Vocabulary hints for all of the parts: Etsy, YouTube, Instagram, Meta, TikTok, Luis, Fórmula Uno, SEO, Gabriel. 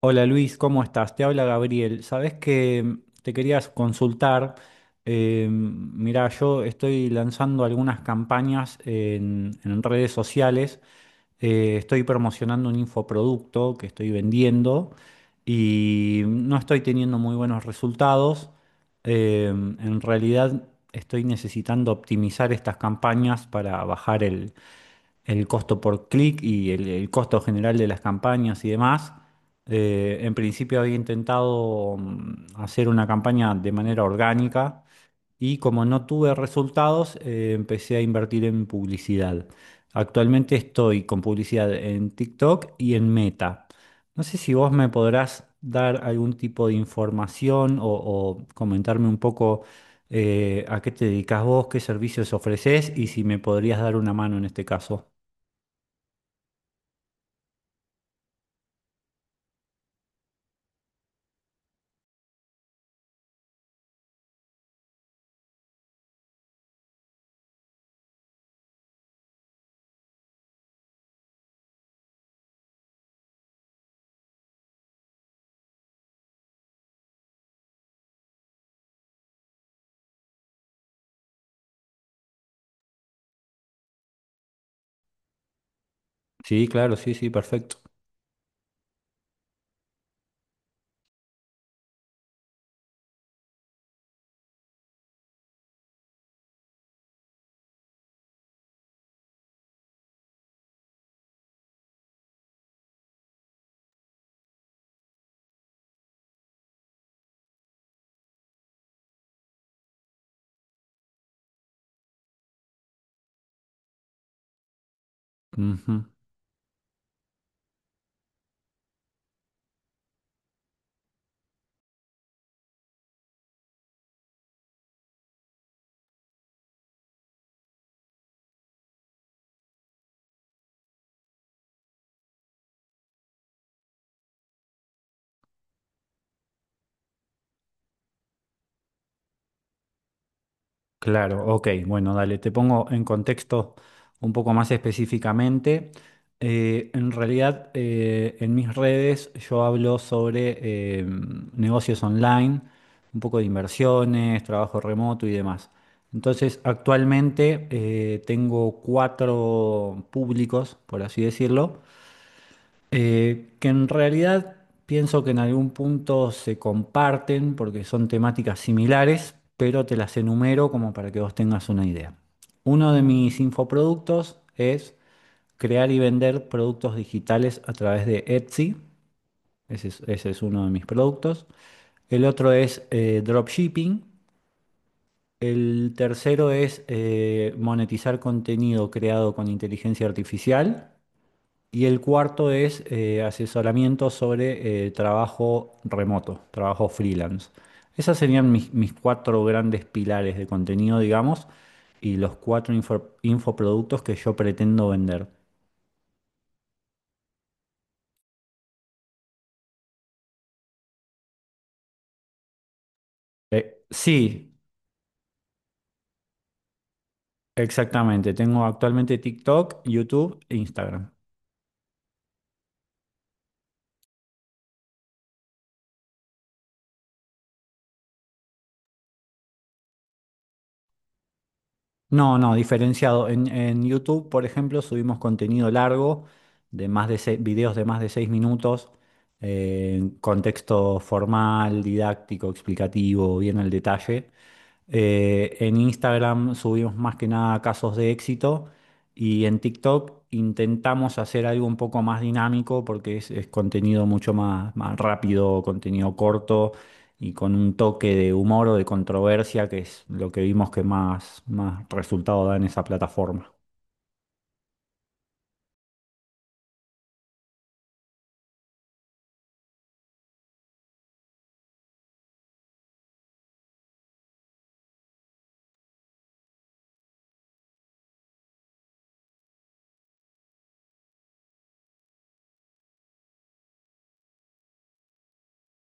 Hola Luis, ¿cómo estás? Te habla Gabriel. Sabes que te querías consultar. Mira, yo estoy lanzando algunas campañas en redes sociales. Estoy promocionando un infoproducto que estoy vendiendo y no estoy teniendo muy buenos resultados. En realidad estoy necesitando optimizar estas campañas para bajar el costo por clic y el costo general de las campañas y demás. En principio había intentado hacer una campaña de manera orgánica y como no tuve resultados, empecé a invertir en publicidad. Actualmente estoy con publicidad en TikTok y en Meta. No sé si vos me podrás dar algún tipo de información o comentarme un poco a qué te dedicas vos, qué servicios ofreces y si me podrías dar una mano en este caso. Sí, claro, sí, sí, perfecto. Ujú. Claro, ok, bueno, dale, te pongo en contexto un poco más específicamente. En realidad, en mis redes yo hablo sobre negocios online, un poco de inversiones, trabajo remoto y demás. Entonces, actualmente tengo cuatro públicos, por así decirlo. Que en realidad pienso que en algún punto se comparten porque son temáticas similares, pero te las enumero como para que vos tengas una idea. Uno de mis infoproductos es crear y vender productos digitales a través de Etsy. Ese es uno de mis productos. El otro es dropshipping. El tercero es monetizar contenido creado con inteligencia artificial. Y el cuarto es asesoramiento sobre trabajo remoto, trabajo freelance. Esas serían mis cuatro grandes pilares de contenido, digamos, y los cuatro infoproductos que yo pretendo vender. Sí, exactamente. Tengo actualmente TikTok, YouTube e Instagram. No, no, diferenciado. En YouTube, por ejemplo, subimos contenido largo de más de videos de más de seis minutos, contexto formal, didáctico, explicativo, bien al detalle. En Instagram subimos más que nada casos de éxito y en TikTok intentamos hacer algo un poco más dinámico porque es contenido más rápido, contenido corto y con un toque de humor o de controversia, que es lo que vimos que más resultado da en esa plataforma.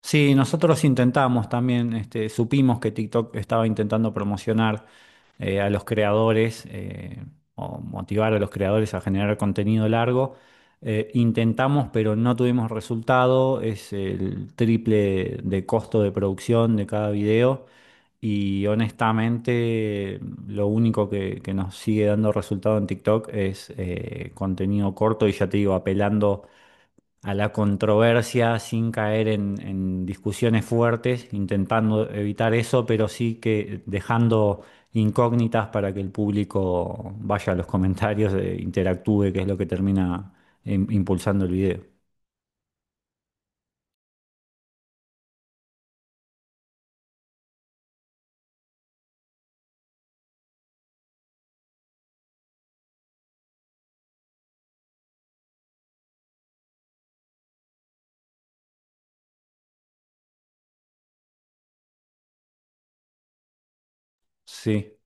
Sí, nosotros intentamos también, este, supimos que TikTok estaba intentando promocionar a los creadores o motivar a los creadores a generar contenido largo. Intentamos, pero no tuvimos resultado. Es el triple de costo de producción de cada video. Y honestamente, lo único que nos sigue dando resultado en TikTok es contenido corto y ya te digo, apelando a la controversia sin caer en discusiones fuertes, intentando evitar eso, pero sí que dejando incógnitas para que el público vaya a los comentarios, interactúe, que es lo que termina impulsando el video. Sí.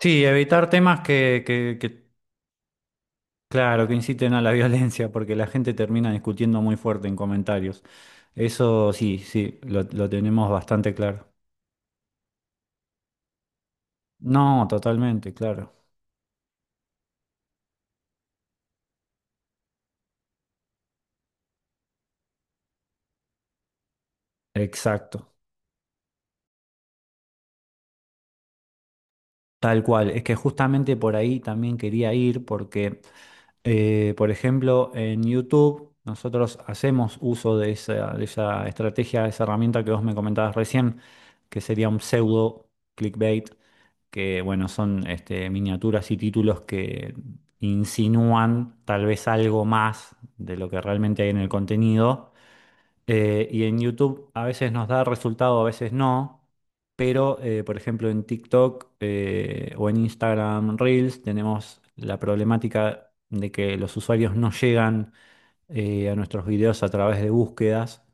Sí, evitar temas que, claro, que inciten a la violencia, porque la gente termina discutiendo muy fuerte en comentarios. Eso sí, sí, lo tenemos bastante claro. No, totalmente, claro. Exacto. Tal cual, es que justamente por ahí también quería ir porque, por ejemplo, en YouTube nosotros hacemos uso de esa estrategia, de esa herramienta que vos me comentabas recién, que sería un pseudo clickbait, que bueno, son este, miniaturas y títulos que insinúan tal vez algo más de lo que realmente hay en el contenido y en YouTube a veces nos da resultado, a veces no, pero por ejemplo en TikTok o en Instagram Reels tenemos la problemática de que los usuarios no llegan a nuestros videos a través de búsquedas,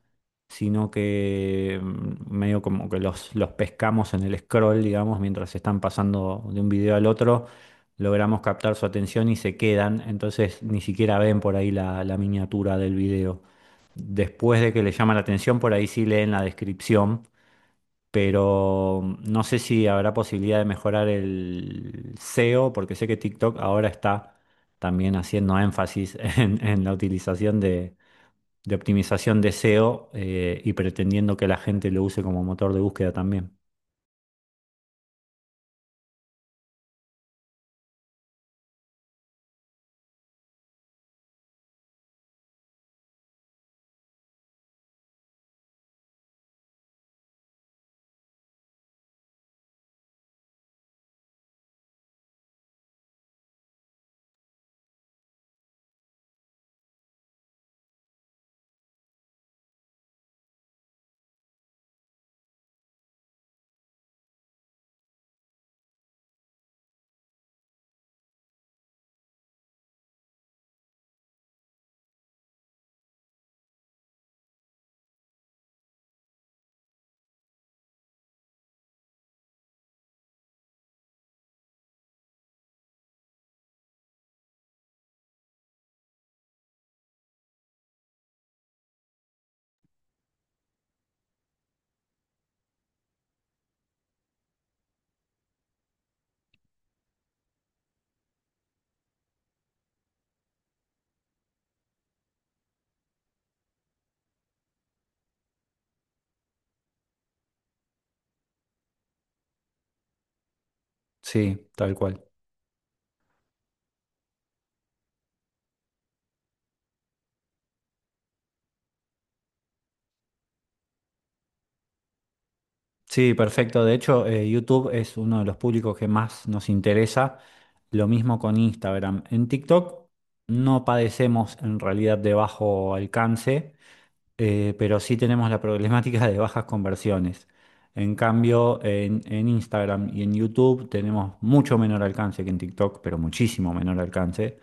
sino que medio como que los pescamos en el scroll, digamos, mientras están pasando de un video al otro, logramos captar su atención y se quedan, entonces ni siquiera ven por ahí la miniatura del video. Después de que les llama la atención, por ahí sí leen la descripción. Pero no sé si habrá posibilidad de mejorar el SEO, porque sé que TikTok ahora está también haciendo énfasis en la utilización de optimización de SEO y pretendiendo que la gente lo use como motor de búsqueda también. Sí, tal cual. Sí, perfecto. De hecho, YouTube es uno de los públicos que más nos interesa. Lo mismo con Instagram. En TikTok no padecemos en realidad de bajo alcance, pero sí tenemos la problemática de bajas conversiones. En cambio, en Instagram y en YouTube tenemos mucho menor alcance que en TikTok, pero muchísimo menor alcance.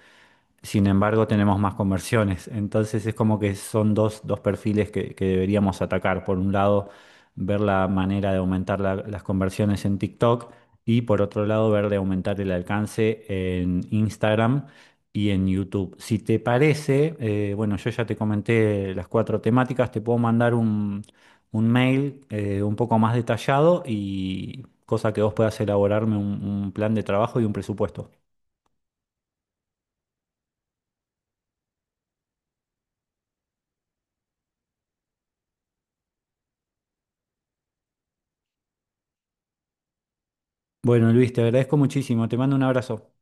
Sin embargo, tenemos más conversiones. Entonces es como que son dos, dos perfiles que deberíamos atacar. Por un lado, ver la manera de aumentar las conversiones en TikTok y por otro lado, ver de aumentar el alcance en Instagram y en YouTube. Si te parece, bueno, yo ya te comenté las cuatro temáticas, te puedo mandar un mail un poco más detallado y cosa que vos puedas elaborarme un plan de trabajo y un presupuesto. Bueno, Luis, te agradezco muchísimo. Te mando un abrazo.